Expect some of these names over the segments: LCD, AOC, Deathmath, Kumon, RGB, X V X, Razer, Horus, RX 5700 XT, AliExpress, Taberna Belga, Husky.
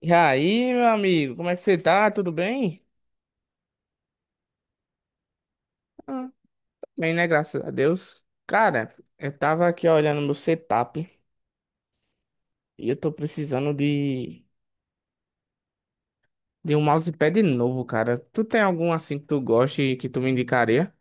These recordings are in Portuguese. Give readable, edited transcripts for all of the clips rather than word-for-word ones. E aí, meu amigo, como é que você tá? Tudo bem? Ah, tô bem, né? Graças a Deus. Cara, eu tava aqui olhando meu setup e eu tô precisando de um mousepad novo, cara. Tu tem algum assim que tu goste e que tu me indicaria?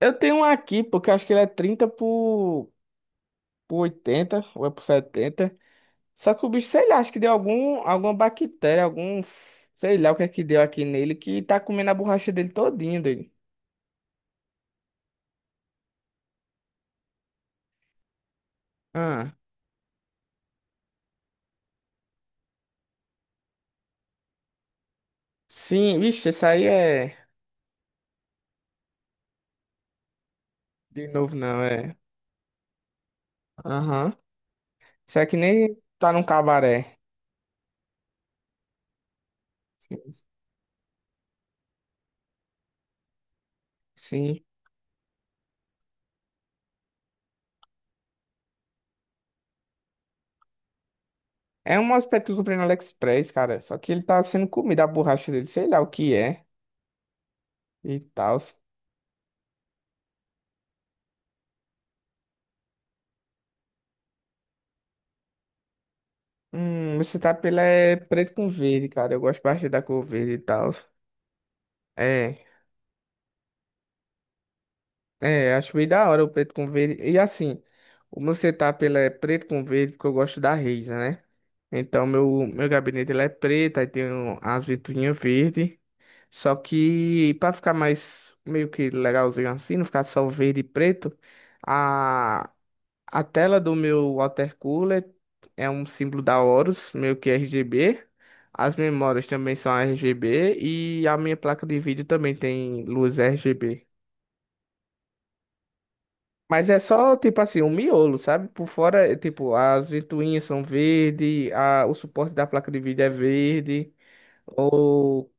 Eu tenho um aqui, porque eu acho que ele é 30 por 80 ou é por 70. Só que o bicho, sei lá, acho que deu algum, alguma bactéria, Sei lá o que é que deu aqui nele que tá comendo a borracha dele todinho, dele. Ah, sim, vixe, esse aí é. De novo não, é. Aham. Isso é que nem tá num cabaré. Sim. Sim. É um aspecto que eu comprei no AliExpress, cara. Só que ele tá sendo comida a borracha dele, sei lá o que é. E tal. Você tá pela é preto com verde, cara. Eu gosto bastante da cor verde e tal. É, é, acho bem da hora o preto com verde. E assim, o meu setup ele é preto com verde porque eu gosto da Razer, né? Então meu gabinete ele é preto, aí tem as ventoinhas verde. Só que pra ficar mais meio que legalzinho assim, não ficar só verde e preto, a, a tela do meu water cooler é um símbolo da Horus, meio que RGB. As memórias também são RGB e a minha placa de vídeo também tem luz RGB. Mas é só tipo assim, um miolo, sabe? Por fora, é, tipo, as ventoinhas são verde, o suporte da placa de vídeo é verde, ou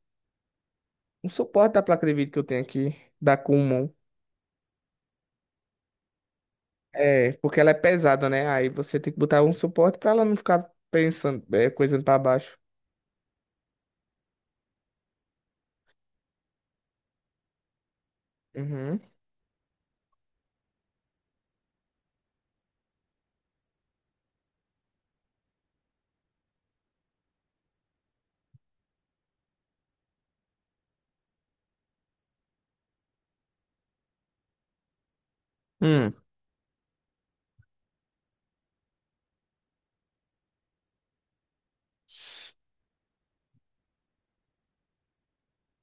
o suporte da placa de vídeo que eu tenho aqui, da Kumon. É, porque ela é pesada, né? Aí você tem que botar um suporte pra ela não ficar pensando, coisando pra baixo. Uhum. Hum.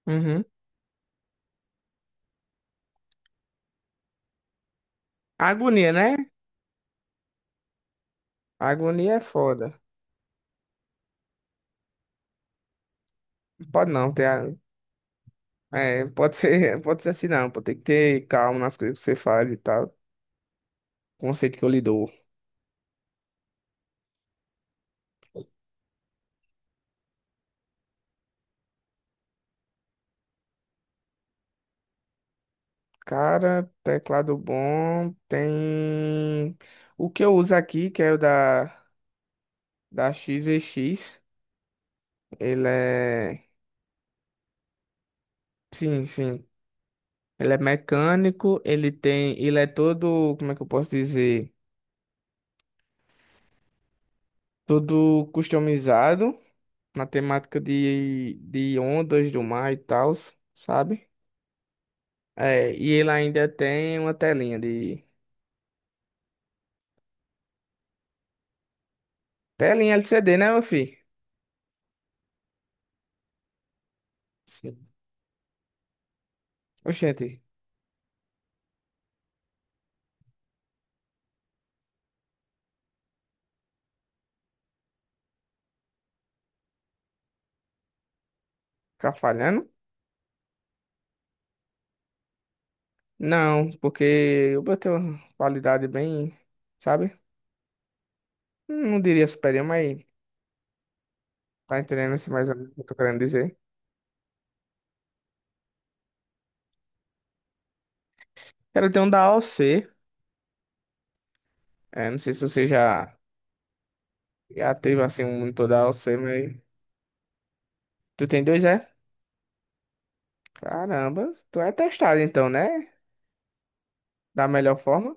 Uhum. Agonia, né? Agonia é foda. Pode não ter. É, pode ser, pode ser assim, não. Pode ter que ter calma nas coisas que você faz e tal. Conceito que eu lhe dou. Cara, teclado bom. Tem. O que eu uso aqui, que é o da X V X. Ele é. Sim, sim. Ele é mecânico, ele tem, ele é todo, como é que eu posso dizer? Todo customizado na temática de ondas do mar e tal, sabe? É, e ele ainda tem uma telinha de. Telinha LCD, né, meu filho? Sim. Oxente, ficar falhando? Não, porque eu botei uma qualidade bem, sabe? Não diria superior, mas tá entendendo assim mais ou menos o que eu tô querendo dizer. Quero ter um da AOC. É, não sei se você já teve assim um em toda você, mas. Tu tem dois, é? Caramba, tu é testado então, né? Da melhor forma.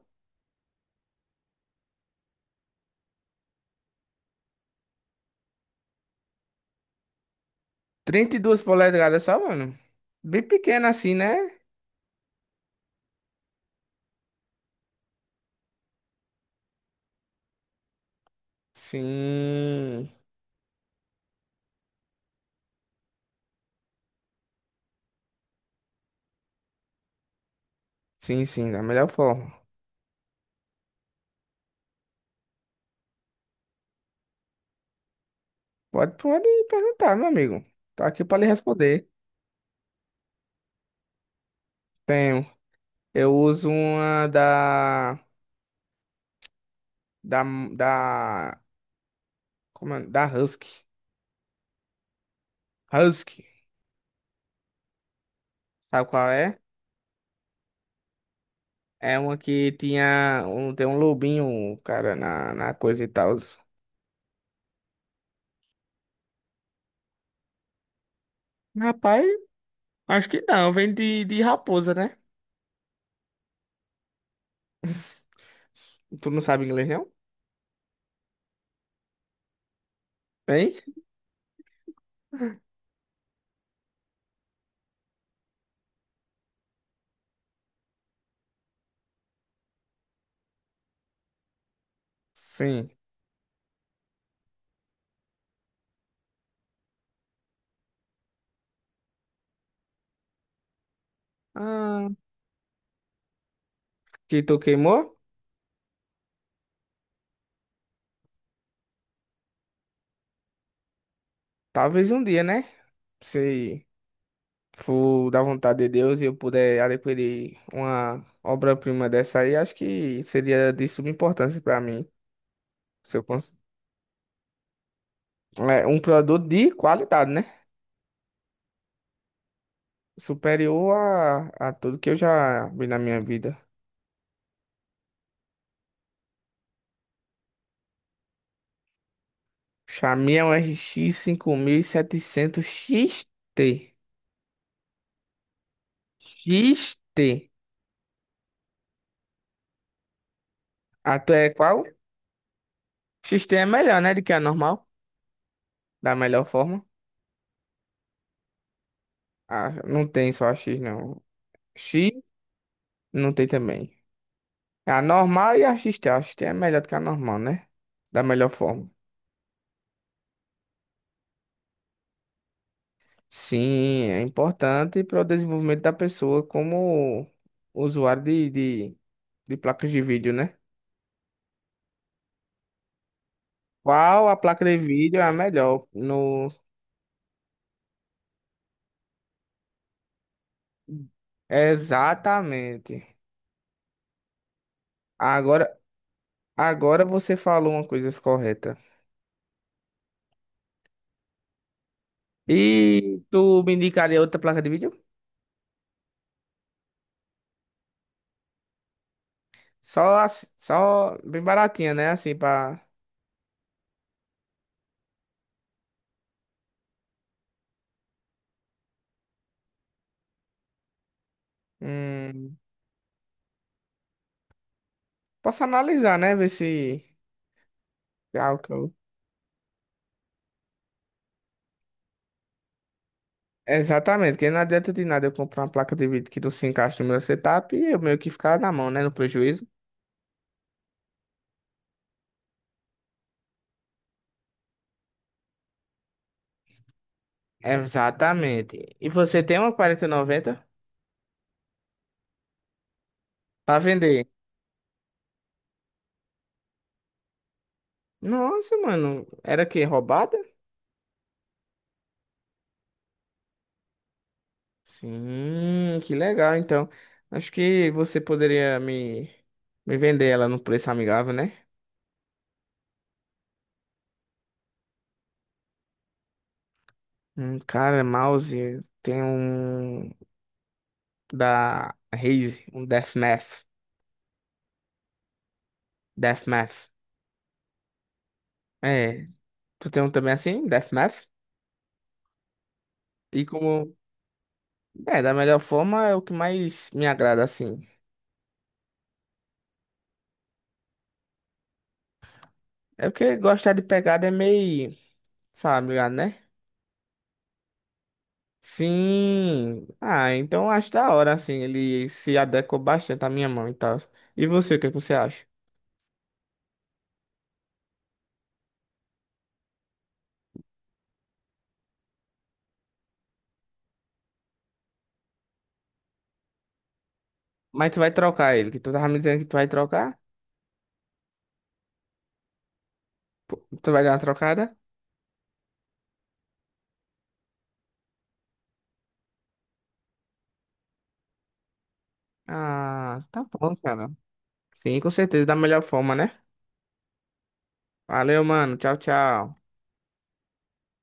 32 polegadas só, mano. Bem pequeno assim, né? Sim. Sim, sim, da melhor forma. Pode, pode perguntar, meu amigo. Tô aqui pra lhe responder. Tenho. Eu uso uma da. Da. Da. Como é? Da Husky. Husky. Sabe qual é? É uma que tinha um, tem um lobinho, cara, na coisa e tal. Rapaz, acho que não. Vem de raposa, né? Tu não sabe inglês, não? Vem? Sim. Ah, que tu queimou? Talvez um dia, né? Se for da vontade de Deus e eu puder adquirir uma obra-prima dessa aí, acho que seria de suma importância pra mim. Se eu cons... É, um produto de qualidade, né? Superior a tudo que eu já vi na minha vida. Chamei um RX 5700 XT. X-T. A tua é qual? X-T é melhor, né? Do que a normal. Da melhor forma. Ah, não tem só a X, não. X não tem também. A normal e a X-T. A X-T é melhor do que a normal, né? Da melhor forma. Sim, é importante para o desenvolvimento da pessoa como usuário de placas de vídeo, né? Qual a placa de vídeo é a melhor? No... Exatamente. Agora, agora, você falou uma coisa correta. E tu me indicaria outra placa de vídeo? Só bem baratinha, né? Assim, pra. Hum, posso analisar, né? Ver se é algo que eu. Exatamente, porque não adianta de nada eu comprar uma placa de vídeo que não se encaixa no meu setup e eu meio que ficar na mão, né? No prejuízo. Exatamente. E você tem uma 4090 pra vender? Nossa, mano. Era que roubada? Sim, que legal. Então, acho que você poderia me vender ela num preço amigável, né? Cara, mouse tem um da Raze, um Deathmath. Deathmath. É, tu tem um também assim, Deathmath? E como, da melhor forma é o que mais me agrada assim. É porque gostar de pegada é meio, sabe, ligado, né? Sim. Ah, então acho da hora assim, ele se adequa bastante à minha mão e tal. E você, o que é que você acha? Mas tu vai trocar ele, que tu tava me dizendo que tu vai trocar? Pô, Tu vai dar uma trocada? Ah, tá bom, cara. Sim, com certeza, da melhor forma, né? Valeu, mano. Tchau, tchau.